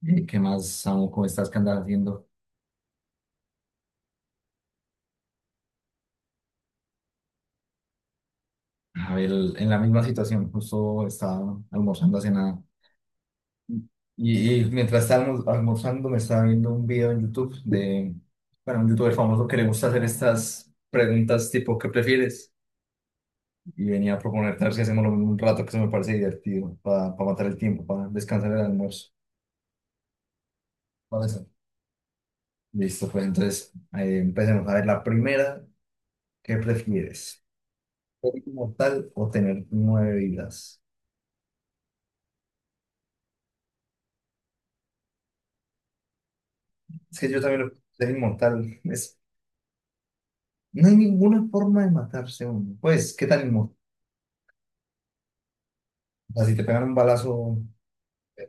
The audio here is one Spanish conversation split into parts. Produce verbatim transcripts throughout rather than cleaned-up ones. ¿Y qué más, Samu? ¿Cómo estás? ¿Qué andas haciendo? A ver, en la misma situación, justo estaba almorzando hace nada. Y, y mientras estaba almo- almorzando, me estaba viendo un video en YouTube de, bueno, un youtuber famoso que le gusta hacer estas preguntas tipo, ¿qué prefieres? Y venía a proponerte a ver si hacemos lo mismo un rato que se me parece divertido, para matar el tiempo, para descansar el almuerzo. Vale, sí. Listo, pues entonces eh, empecemos. A ver, la primera, ¿qué prefieres? ¿Ser inmortal o tener nueve vidas? Es que yo también lo es inmortal. Es, no hay ninguna forma de matarse uno. Pues, ¿qué tal inmortal? O sea, si te pegan un balazo. eh,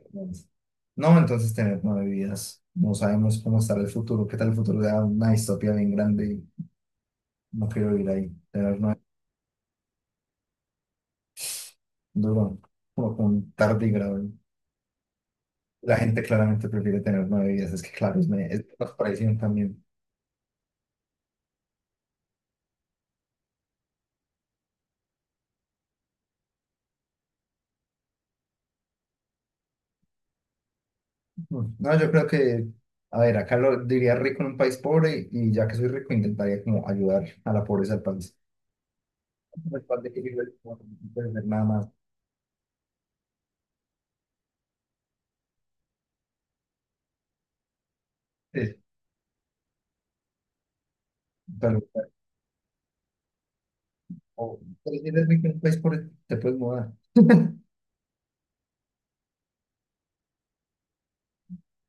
No, entonces tener nueve vidas. No sabemos cómo estará el futuro. ¿Qué tal el futuro? Da una distopía bien grande. Y no quiero vivir ahí. Tener nueve duro. Como con tardigrado. La gente claramente prefiere tener nueve vidas. Es que, claro, es, me- es más presión también. No, yo creo que. A ver, acá lo diría rico en un país pobre. Y ya que soy rico, intentaría como ayudar a la pobreza del país. Pues, cuando que vive, bueno, no puedes ver nada más. Es, pero, o, pero si eres rico en un país pobre, te puedes mudar.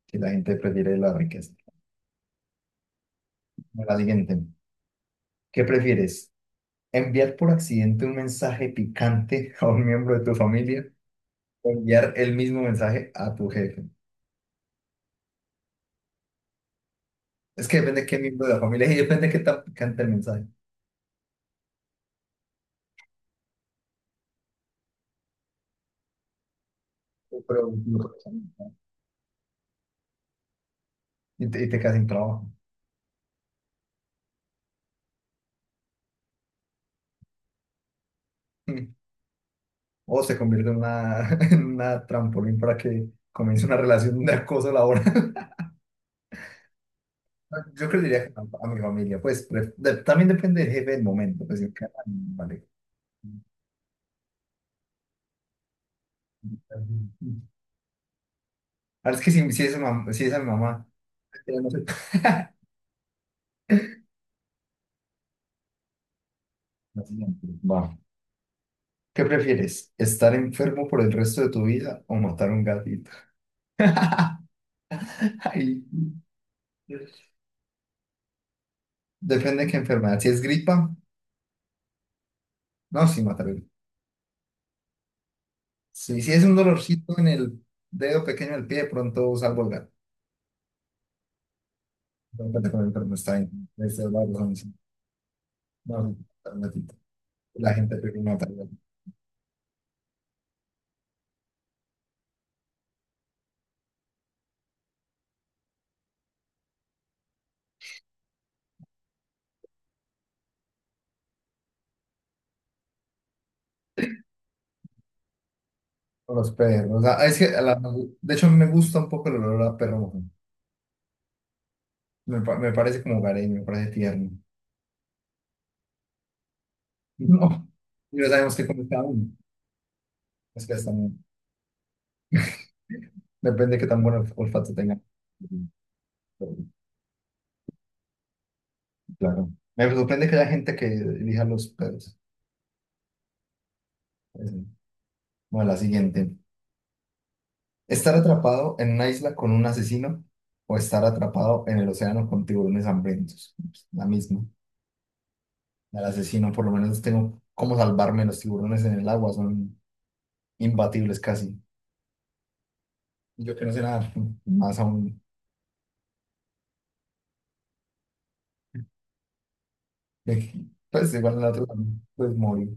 Que la gente prefiere la riqueza. Bueno, la siguiente. ¿Qué prefieres? ¿Enviar por accidente un mensaje picante a un miembro de tu familia o enviar el mismo mensaje a tu jefe? Es que depende de qué miembro de la familia es y depende de qué tan picante el mensaje. Pero, y te, y te quedas sin trabajo. O se convierte en una, en una trampolín para que comience una relación de acoso laboral. Yo creo que diría que no, a mi familia, pues pre- de- también depende del jefe del momento, pues el que- vale. Ahora es que si, si es mam- si es a mi mamá, ya no sé. La siguiente. Va. ¿Qué prefieres? ¿Estar enfermo por el resto de tu vida o matar un gatito? Ay, depende de qué enfermedad. Si es gripa, no, sí matar el- sí, si es un dolorcito en el dedo pequeño del pie, de pronto salvo el gato. No, espérate, con el enfermo está bien. Esa es la razón, sí. No, matar un gatito. La gente prefiere matar. Los perros. O sea, es que a la- de hecho me gusta un poco el olor a perro mojón. Me, pa- me parece como hogareño, me parece tierno. No, y no sabemos qué come cada uno. Es que están depende de qué tan buen olfato tengan. Claro. Me sorprende que haya gente que elija los perros. Es. Bueno, la siguiente. ¿Estar atrapado en una isla con un asesino o estar atrapado en el océano con tiburones hambrientos? La misma. Al asesino, por lo menos tengo cómo salvarme. Los tiburones en el agua son imbatibles casi. Yo que no sé nada más aún. De. Pues igual la otra pues muy.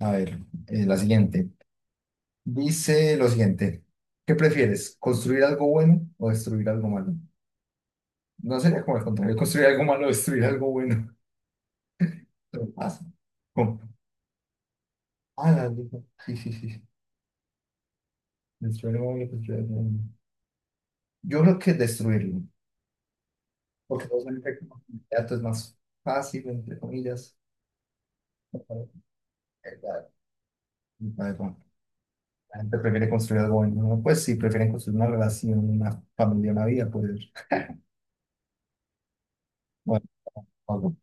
A ver, eh, la siguiente. Dice lo siguiente. ¿Qué prefieres? ¿Construir algo bueno o destruir algo malo? No sería como el contrario, construir algo malo o destruir algo bueno. Pero pasa. ¿Cómo? Ah, la digo. Sí, sí, sí. Destruir algo bueno, construir algo bueno. Yo creo que destruirlo. Porque no es un efecto inmediato, es más fácil, entre comillas. A ver, la gente prefiere construir algo bueno, ¿no? Pues sí, prefieren construir una relación, una familia, una vida, pues. Bueno, algo.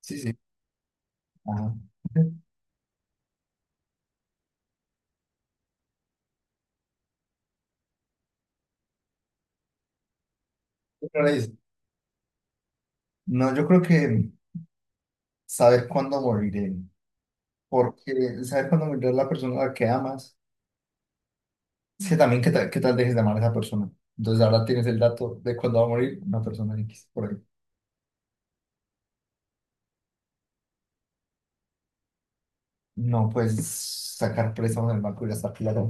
Sí, sí. Ajá. Pero es. No, yo creo que saber cuándo moriré, porque saber cuándo morirá la persona a la que amas, es que también qué tal, qué tal dejes de amar a esa persona. Entonces ahora tienes el dato de cuándo va a morir una persona X por ahí. No puedes sacar préstamos en el banco y gastar plata.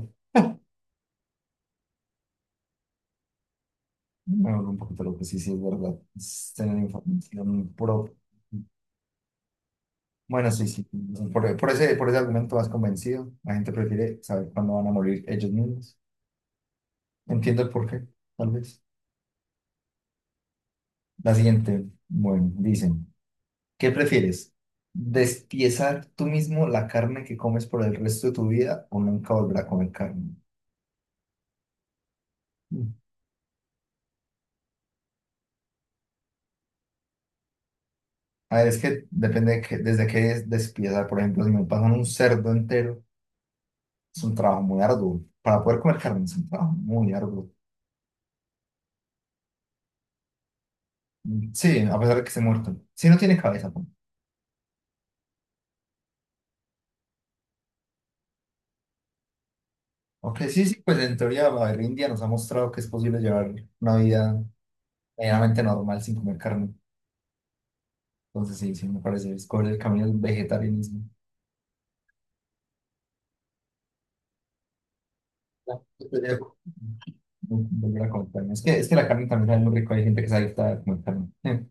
Bueno, un poquito lo que sí, sí es verdad. Es tener información propia. Bueno, sí, sí. Por, por ese, por ese argumento vas convencido. La gente prefiere saber cuándo van a morir ellos mismos. Entiendo el porqué, tal vez. La siguiente, bueno, dicen, ¿qué prefieres? ¿Despiezar tú mismo la carne que comes por el resto de tu vida o nunca volver a comer carne? Mm. A ver, es que depende de que, desde qué es despiezar. Por ejemplo, si me pasan un cerdo entero, es un trabajo muy arduo. Para poder comer carne es un trabajo muy arduo. Mm, sí, a pesar de que esté muerto. Si no tiene cabeza, ok, sí, sí, pues en teoría la India nos ha mostrado que es posible llevar una vida medianamente normal sin comer carne. Entonces sí, sí, me parece, escoger el camino del vegetarianismo. No, yo estoy de no, volver a comer carne. Es que, es que la carne también es muy rico, hay gente que se adicta a comer carne. Eh,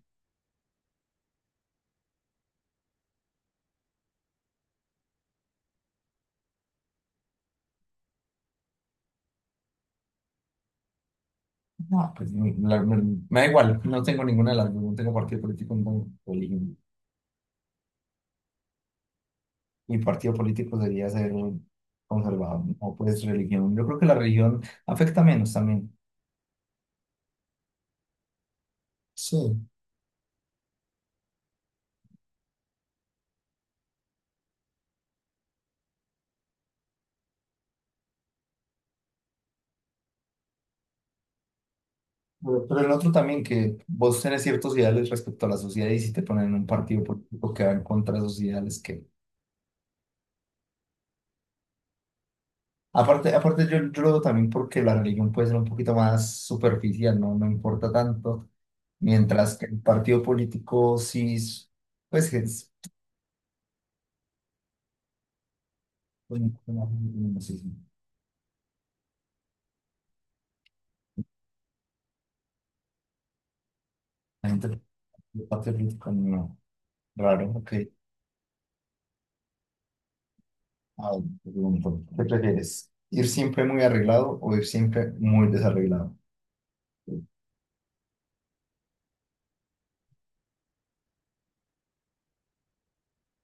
no, pues no, la- me, me da igual, no tengo ninguna de las dos, no tengo partido político, no tengo religión. Mi partido político sería ser conservador, o pues religión. Yo creo que la religión afecta menos también. Sí. Pero pero el otro también, que vos tenés ciertos ideales respecto a la sociedad y si te ponen en un partido político que va en contra de esos ideales que... Aparte, aparte yo, yo lo veo también porque la religión puede ser un poquito más superficial, no me importa tanto, mientras que el partido político sí, es. Pues es... Pues, no, no sé si la gente del partido político no, raro, ok. Ah, te pregunto, ¿qué prefieres? ¿Ir siempre muy arreglado o ir siempre muy desarreglado?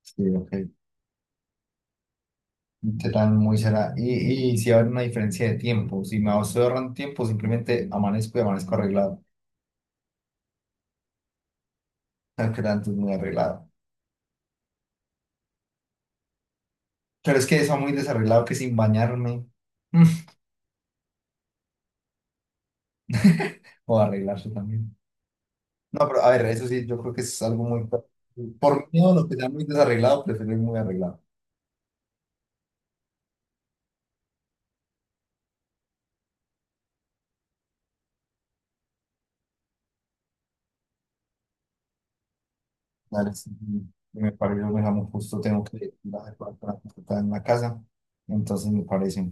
Sí, ok. Yo también muy será. Y, y si habrá una diferencia de tiempo, si me ahorran tiempo, simplemente amanezco y amanezco arreglado. Claro que tanto es muy arreglado. Pero es que eso muy desarreglado que sin bañarme o arreglarse también. No, pero a ver, eso sí, yo creo que es algo muy. Por miedo a lo que sea muy desarreglado, prefiero ir muy arreglado. Dale, sí, sí, me parece, me llamo justo, tengo que ir a hacer para para- para en la casa. Entonces me parece.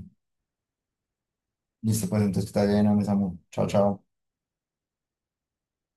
Listo, pues entonces está bien, me llamo. Chao, chao.